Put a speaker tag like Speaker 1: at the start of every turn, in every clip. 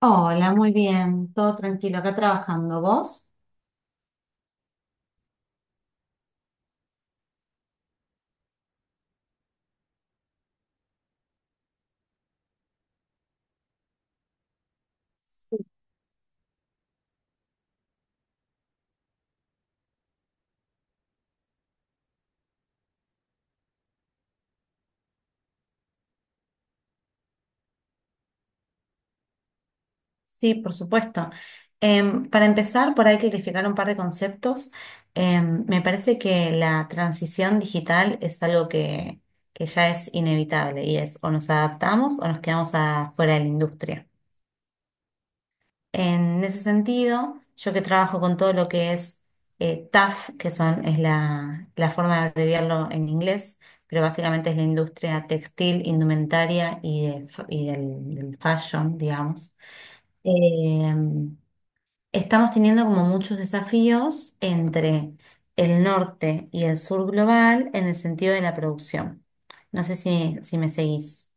Speaker 1: Hola, muy bien, todo tranquilo, acá trabajando. ¿Vos? Sí, por supuesto. Para empezar, por ahí clarificar un par de conceptos. Me parece que la transición digital es algo que ya es inevitable y es o nos adaptamos o nos quedamos afuera de la industria. En ese sentido, yo que trabajo con todo lo que es TAF, es la forma de abreviarlo en inglés, pero básicamente es la industria textil, indumentaria y, y del fashion, digamos. Eh, Estamos teniendo como muchos desafíos entre el norte y el sur global en el sentido de la producción. No sé si me seguís.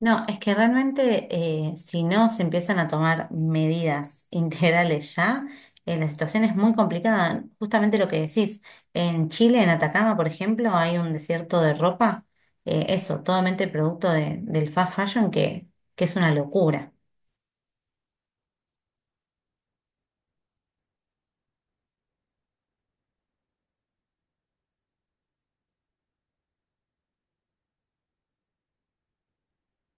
Speaker 1: No, es que realmente si no se empiezan a tomar medidas integrales ya, la situación es muy complicada. Justamente lo que decís, en Chile, en Atacama, por ejemplo, hay un desierto de ropa, eso, totalmente del fast fashion que es una locura.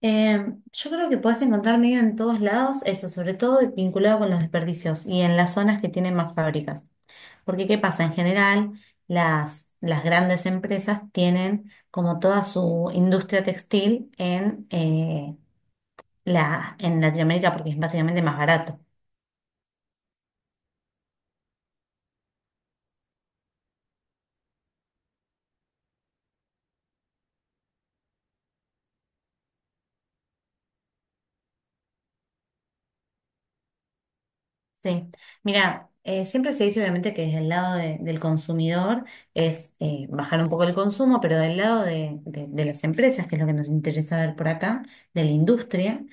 Speaker 1: Eh, yo creo que podés encontrar medio en todos lados, eso, sobre todo vinculado con los desperdicios y en las zonas que tienen más fábricas. Porque ¿qué pasa? En general, las grandes empresas tienen como toda su industria textil en, en Latinoamérica porque es básicamente más barato. Sí. Mira, siempre se dice obviamente que desde el del consumidor es bajar un poco el consumo, pero del lado de las empresas, que es lo que nos interesa ver por acá, de la industria,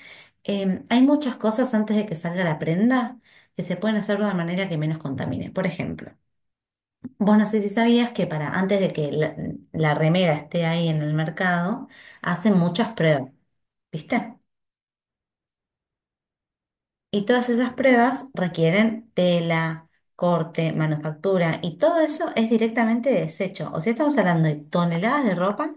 Speaker 1: hay muchas cosas antes de que salga la prenda que se pueden hacer de una manera que menos contamine. Por ejemplo. Vos no sé si sabías que para antes de que la remera esté ahí en el mercado, hacen muchas pruebas, ¿viste? Y todas esas pruebas requieren tela, corte, manufactura, y todo eso es directamente desecho. O sea, estamos hablando de toneladas de ropa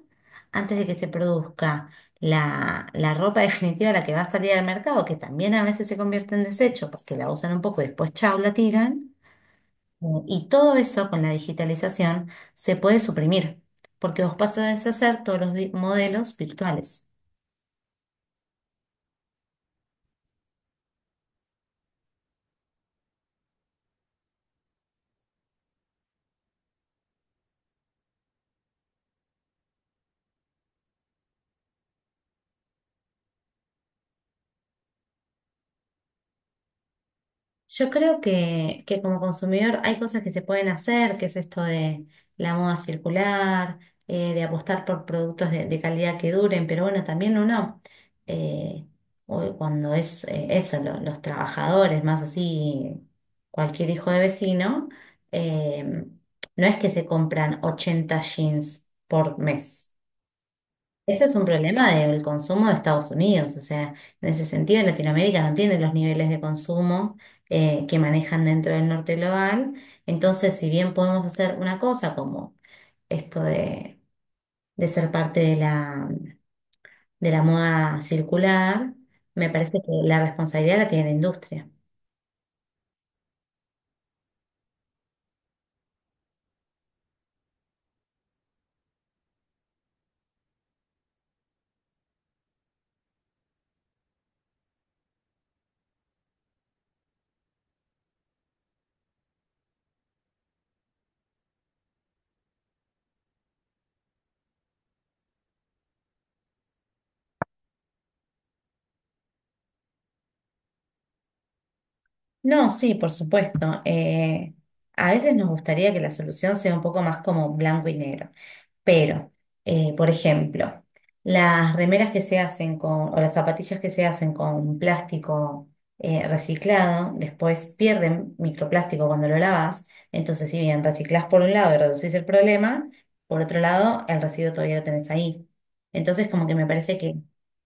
Speaker 1: antes de que se produzca la ropa definitiva, la que va a salir al mercado, que también a veces se convierte en desecho porque la usan un poco y después chau, la tiran. Y todo eso con la digitalización se puede suprimir, porque vos pasás a hacer todos los modelos virtuales. Yo creo que como consumidor hay cosas que se pueden hacer, que es esto de la moda circular, de apostar por productos de calidad que duren, pero bueno, también uno, eh, cuando es eso, los trabajadores, más así, cualquier hijo de vecino, eh, no es que se compran 80 jeans por mes. Eso es un problema del consumo de Estados Unidos, o sea, en ese sentido Latinoamérica no tiene los niveles de consumo que manejan dentro del norte global, entonces si bien podemos hacer una cosa como esto de ser parte de de la moda circular, me parece que la responsabilidad la tiene la industria. No, sí, por supuesto. A veces nos gustaría que la solución sea un poco más como blanco y negro. Pero, por ejemplo, las remeras que se hacen con, o las zapatillas que se hacen con plástico reciclado, después pierden microplástico cuando lo lavas. Entonces, si bien reciclás por un lado y reducís el problema, por otro lado, el residuo todavía lo tenés ahí. Entonces, como que me parece que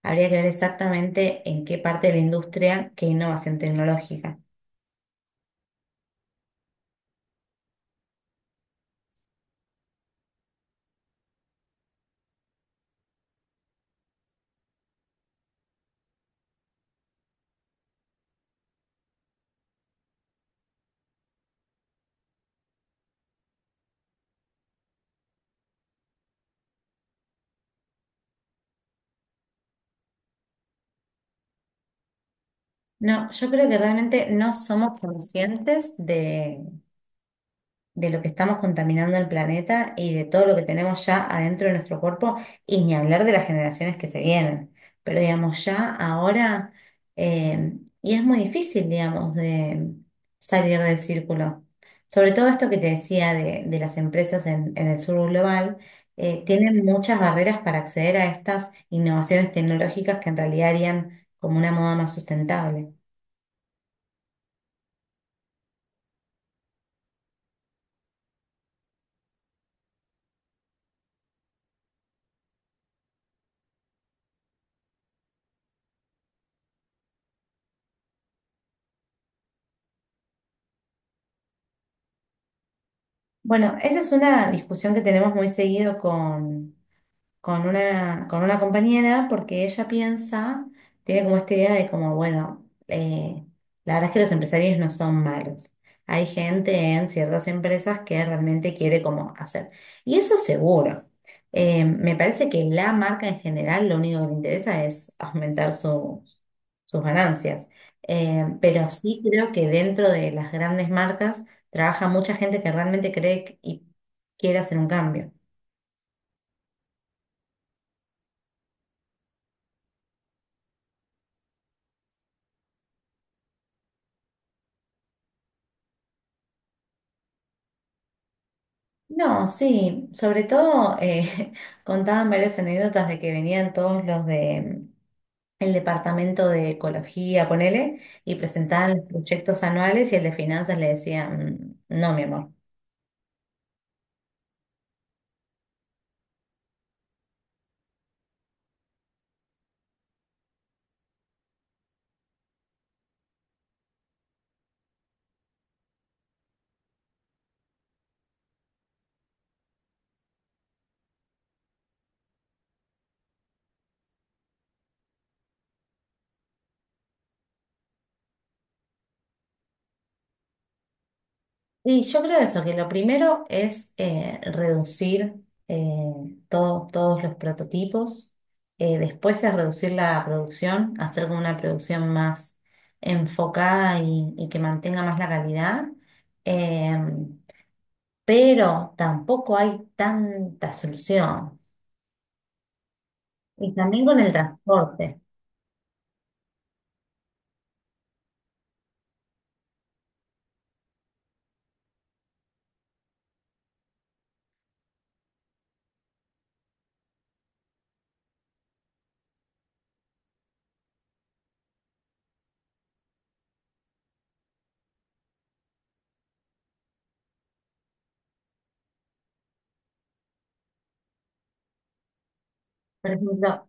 Speaker 1: habría que ver exactamente en qué parte de la industria qué innovación tecnológica. No, yo creo que realmente no somos conscientes de lo que estamos contaminando el planeta y de todo lo que tenemos ya adentro de nuestro cuerpo, y ni hablar de las generaciones que se vienen. Pero digamos, ya ahora, eh, y es muy difícil, digamos, de salir del círculo. Sobre todo esto que te decía de las empresas en el sur global, tienen muchas barreras para acceder a estas innovaciones tecnológicas que en realidad harían como una moda más sustentable. Bueno, esa es una discusión que tenemos muy seguido con con una compañera porque ella piensa, tiene como esta idea de como, bueno, la verdad es que los empresarios no son malos. Hay gente en ciertas empresas que realmente quiere como hacer. Y eso seguro. Me parece que la marca en general lo único que le interesa es aumentar sus ganancias. Pero sí creo que dentro de las grandes marcas trabaja mucha gente que realmente cree y quiere hacer un cambio. No, sí, sobre todo contaban varias anécdotas de que venían todos los de el departamento de ecología, ponele, y presentaban los proyectos anuales y el de finanzas le decía, "Mm, no, mi amor. Y yo creo eso, que lo primero es reducir eh, todos los prototipos, después es reducir la producción, hacer como una producción más enfocada y que mantenga más la calidad. em, pero tampoco hay tanta solución. Y también con el transporte. Por ejemplo,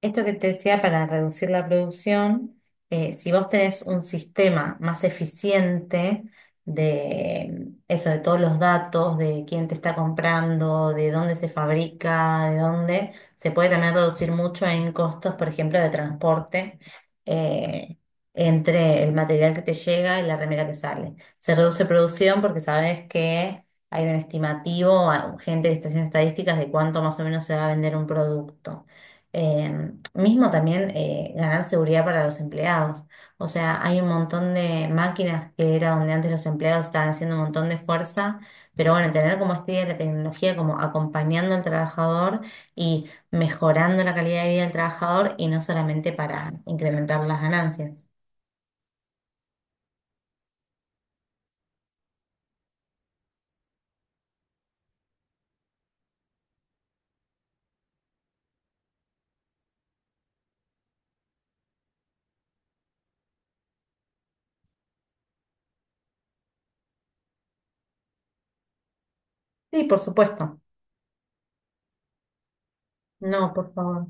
Speaker 1: esto que te decía para reducir la producción, si vos tenés un sistema más eficiente de eso, de todos los datos, de quién te está comprando, de dónde se fabrica, de dónde, se puede también reducir mucho en costos, por ejemplo, de transporte, eh, entre el material que te llega y la remera que sale. Se reduce producción porque sabes que hay un estimativo, gente que está haciendo estadísticas de cuánto más o menos se va a vender un producto. Em, Mismo también ganar seguridad para los empleados. O sea, hay un montón de máquinas que era donde antes los empleados estaban haciendo un montón de fuerza, pero bueno, tener como este idea la tecnología como acompañando al trabajador y mejorando la calidad de vida del trabajador y no solamente para incrementar las ganancias. Sí, por supuesto. No, por favor.